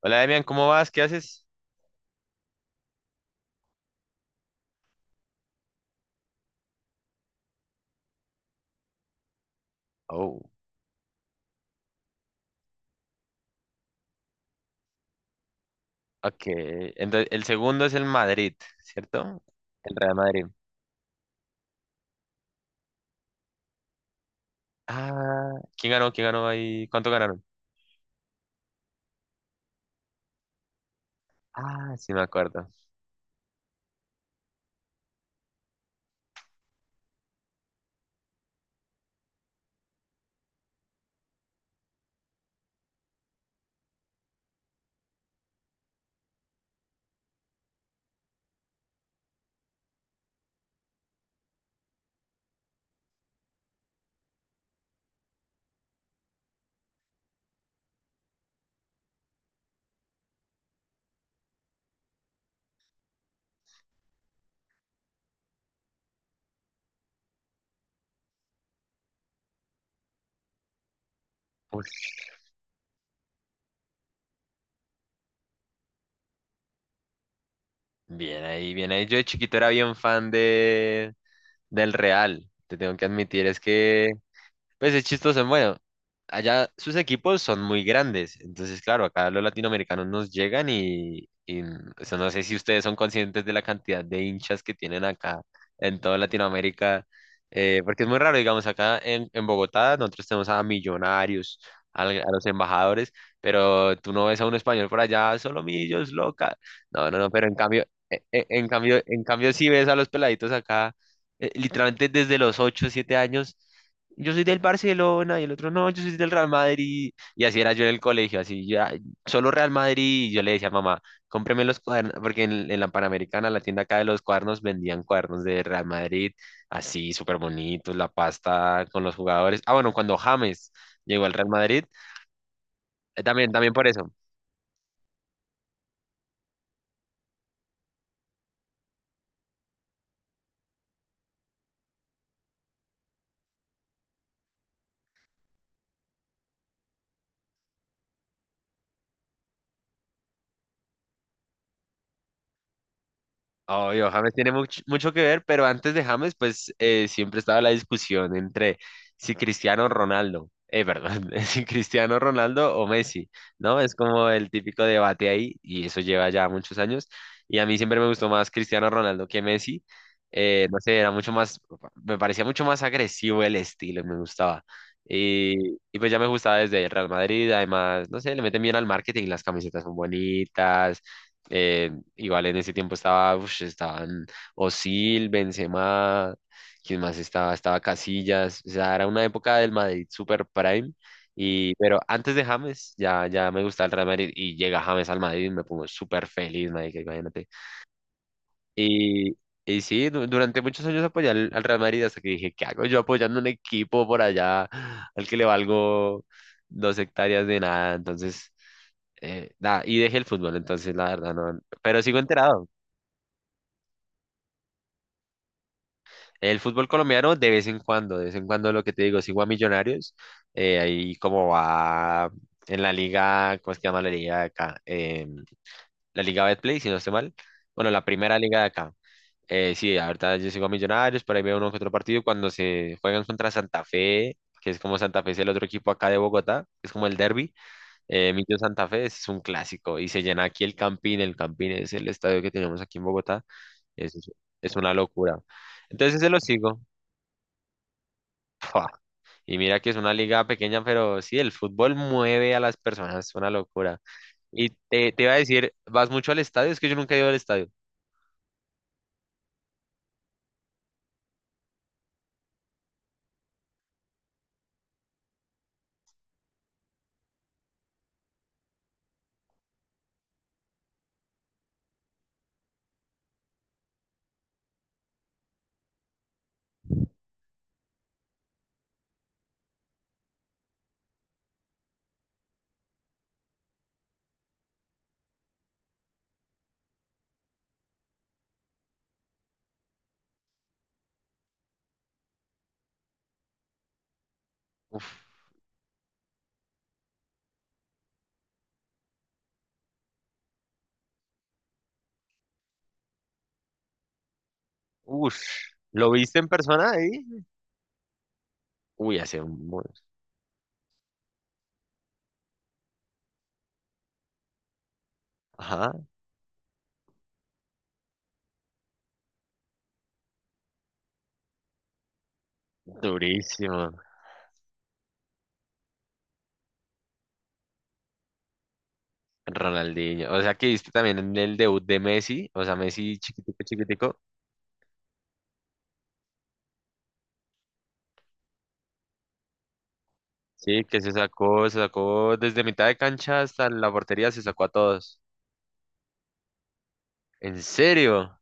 Hola, Demian, ¿cómo vas? ¿Qué haces? Oh, ok. Entonces, el segundo es el Madrid, ¿cierto? El Real Madrid. Ah, ¿quién ganó? ¿Quién ganó ahí? ¿Cuánto ganaron? Ah, sí me acuerdo. Uy, bien ahí, bien ahí. Yo de chiquito era bien fan de del Real. Te tengo que admitir, es que pues es chistoso, bueno, allá sus equipos son muy grandes, entonces claro, acá los latinoamericanos nos llegan y, o sea, no sé si ustedes son conscientes de la cantidad de hinchas que tienen acá en toda Latinoamérica, porque es muy raro, digamos, acá en Bogotá nosotros tenemos a millonarios, a, los embajadores, pero tú no ves a un español por allá, solo millos, loca. No, no, no, pero en cambio, en cambio sí ves a los peladitos acá, literalmente desde los 8 7 años yo soy del Barcelona y el otro no, yo soy del Real Madrid. Y así era yo en el colegio, así ya, solo Real Madrid. Y yo le decía a mamá, cómpreme los cuadernos, porque en la Panamericana, la tienda acá de los cuadernos, vendían cuadernos de Real Madrid, así súper bonitos, la pasta con los jugadores. Ah, bueno, cuando James llegó al Real Madrid, también, también por eso. Obvio, James tiene mucho que ver, pero antes de James, pues siempre estaba la discusión entre si Cristiano Ronaldo, perdón, si Cristiano Ronaldo o Messi, ¿no? Es como el típico debate ahí, y eso lleva ya muchos años, y a mí siempre me gustó más Cristiano Ronaldo que Messi, no sé, era mucho más, me parecía mucho más agresivo el estilo, me gustaba. Y, y pues ya me gustaba desde el Real Madrid, además, no sé, le meten bien al marketing, las camisetas son bonitas. Eh, Igual en ese tiempo estaban Osil, Benzema, ¿quién más estaba? Estaba Casillas, o sea, era una época del Madrid super prime, pero antes de James ya me gustaba el Real Madrid y llega James al Madrid y me pongo súper feliz, marica, imagínate. Y, y sí, durante muchos años apoyé al Real Madrid hasta que dije, ¿qué hago yo apoyando un equipo por allá al que le valgo dos hectáreas de nada? Entonces. Nada, y dejé el fútbol, entonces la verdad no, pero sigo enterado. El fútbol colombiano de vez en cuando, de vez en cuando lo que te digo, sigo a Millonarios, ahí como va en la liga, ¿cómo es que llama la liga de acá? La liga Betplay, si no estoy mal. Bueno, la primera liga de acá. Sí, ahorita yo sigo a Millonarios, por ahí veo uno que otro partido cuando se juegan contra Santa Fe, que es como Santa Fe es el otro equipo acá de Bogotá, es como el derbi. Millo Santa Fe es un clásico y se llena aquí el Campín es el estadio que tenemos aquí en Bogotá, es, es una locura. Entonces se lo sigo. Y mira que es una liga pequeña, pero sí, el fútbol mueve a las personas, es una locura. Y te iba a decir, ¿vas mucho al estadio? Es que yo nunca he ido al estadio. Uf, uf. ¿Lo viste en persona ahí? Uy, hace Ajá, durísimo. Ronaldinho. O sea que viste también en el debut de Messi, o sea, Messi chiquitico, chiquitico. Sí, que se sacó desde mitad de cancha hasta la portería, se sacó a todos. ¿En serio?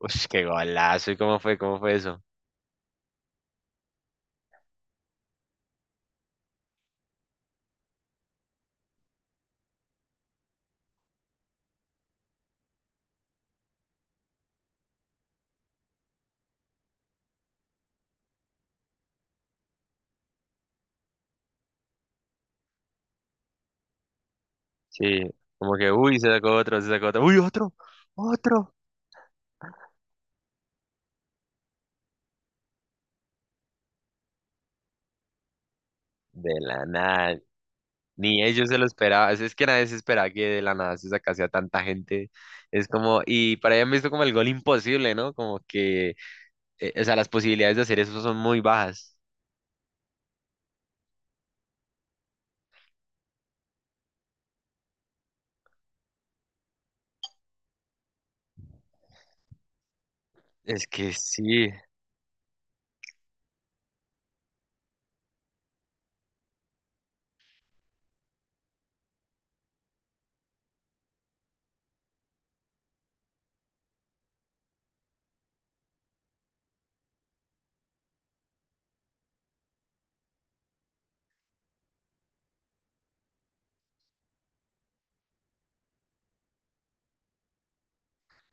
Uy, qué golazo. ¿Y cómo fue? ¿Cómo fue eso? Sí, como que, uy, se sacó otro, uy, otro, otro. De la nada, ni ellos se lo esperaban, es que nadie se esperaba que de la nada se sacase a tanta gente. Es como, y para ellos han visto como el gol imposible, ¿no? Como que, o sea, las posibilidades de hacer eso son muy bajas. Es que sí,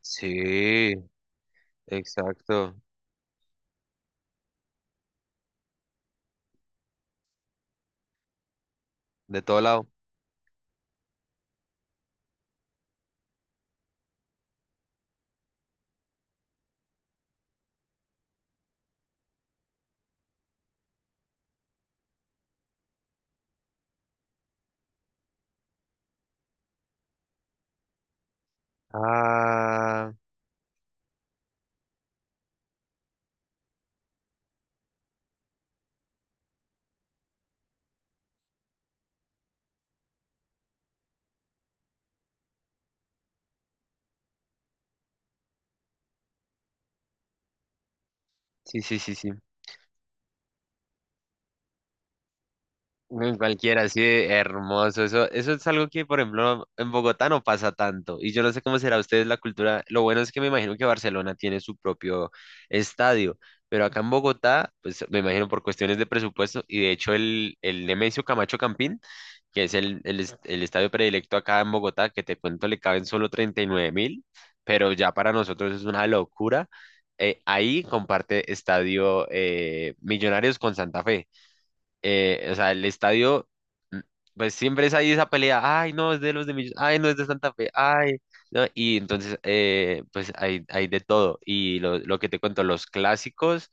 sí, exacto, de todo lado. Ah, sí, sí, sí, sí. No, cualquiera, así de hermoso. Eso es algo que, por ejemplo, en Bogotá no pasa tanto. Y yo no sé cómo será ustedes la cultura. Lo bueno es que me imagino que Barcelona tiene su propio estadio. Pero acá en Bogotá, pues me imagino por cuestiones de presupuesto. Y de hecho, el Nemesio Camacho Campín, que es el estadio predilecto acá en Bogotá, que te cuento le caben solo 39.000. Pero ya para nosotros es una locura. Ahí comparte estadio Millonarios con Santa Fe, o sea, el estadio, mm, pues siempre es ahí esa pelea, ay, no, es de los de Millos, ay, no, es de Santa Fe, ay, ¿no? Y entonces, pues hay de todo. Y lo que te cuento, los clásicos,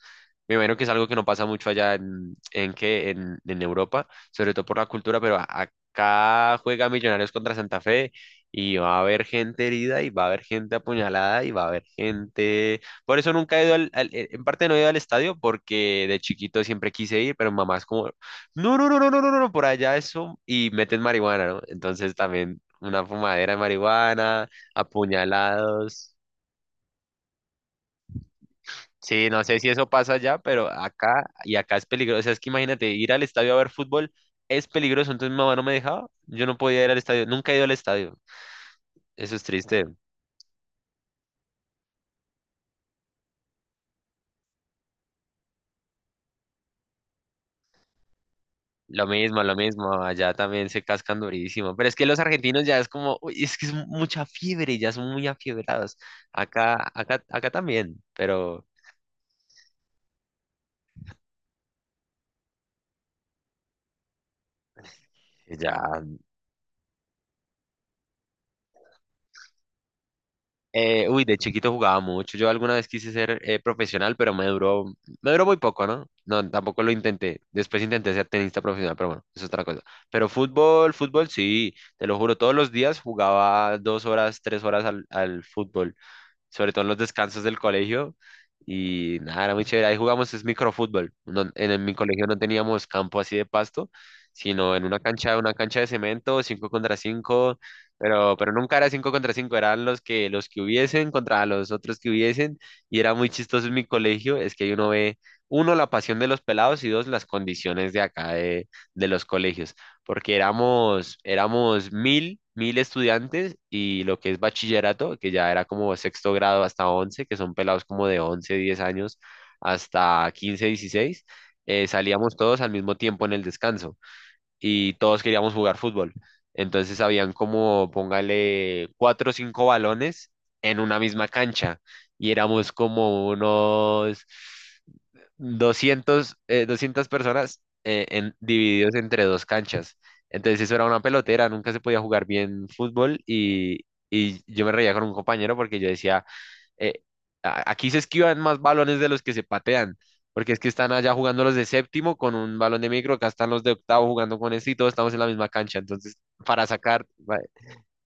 me imagino que es algo que no pasa mucho allá en Europa, sobre todo por la cultura, pero acá juega Millonarios contra Santa Fe. Y va a haber gente herida, y va a haber gente apuñalada, y va a haber gente por eso nunca he ido al en parte no he ido al estadio porque de chiquito siempre quise ir, pero mamá es como, no, no, no, no, no, no, no, no, por allá eso y meten marihuana, ¿no? Entonces también una fumadera de marihuana, apuñalados. Sí, no sé si eso pasa allá, pero acá y acá es peligroso. O sea, es que imagínate, ir al estadio a ver fútbol es peligroso. Entonces mi mamá no me dejaba, yo no podía ir al estadio, nunca he ido al estadio. Eso es triste. Lo mismo, allá también se cascan durísimo. Pero es que los argentinos ya es como, uy, es que es mucha fiebre, ya son muy afiebrados. Acá, acá, acá también, pero ya. Uy, de chiquito jugaba mucho. Yo alguna vez quise ser profesional, pero me duró muy poco, ¿no? No, tampoco lo intenté. Después intenté ser tenista profesional, pero bueno, es otra cosa. Pero fútbol, fútbol, sí, te lo juro, todos los días jugaba 2 horas, 3 horas al fútbol, sobre todo en los descansos del colegio. Y nada, era muy chévere. Ahí jugamos es microfútbol. En mi colegio no teníamos campo así de pasto, sino en una cancha de cemento, 5 contra cinco, pero nunca era 5 contra cinco, eran los que hubiesen contra los otros que hubiesen. Y era muy chistoso en mi colegio, es que ahí uno ve, uno, la pasión de los pelados, y dos, las condiciones de acá de los colegios, porque éramos mil, mil estudiantes, y lo que es bachillerato, que ya era como sexto grado hasta 11, que son pelados como de 11, 10 años hasta 15, 16, salíamos todos al mismo tiempo en el descanso y todos queríamos jugar fútbol. Entonces habían como, póngale, cuatro o cinco balones en una misma cancha y éramos como unos 200 200 personas en, divididos entre dos canchas. Entonces eso era una pelotera, nunca se podía jugar bien fútbol, y, yo me reía con un compañero porque yo decía, eh, aquí se esquivan más balones de los que se patean, porque es que están allá jugando los de séptimo con un balón de micro, acá están los de octavo jugando con ese y todos estamos en la misma cancha. Entonces, para sacar,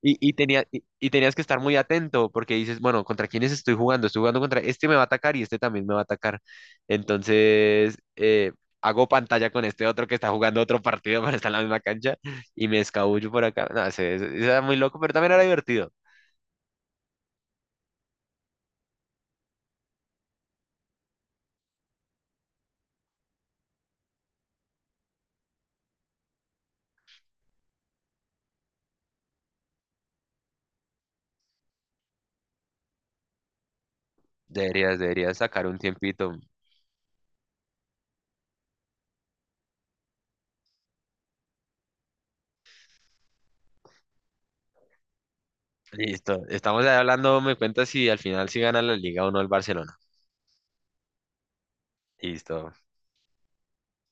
tenías que estar muy atento porque dices, bueno, ¿contra quiénes estoy jugando? Estoy jugando contra este, me va a atacar, y este también me va a atacar. Entonces, hago pantalla con este otro que está jugando otro partido para estar en la misma cancha y me escabullo por acá. No, se era muy loco, pero también era divertido. Deberías sacar un tiempito. Listo. Estamos ahí hablando, me cuentas si al final si gana la liga o no el Barcelona. Listo.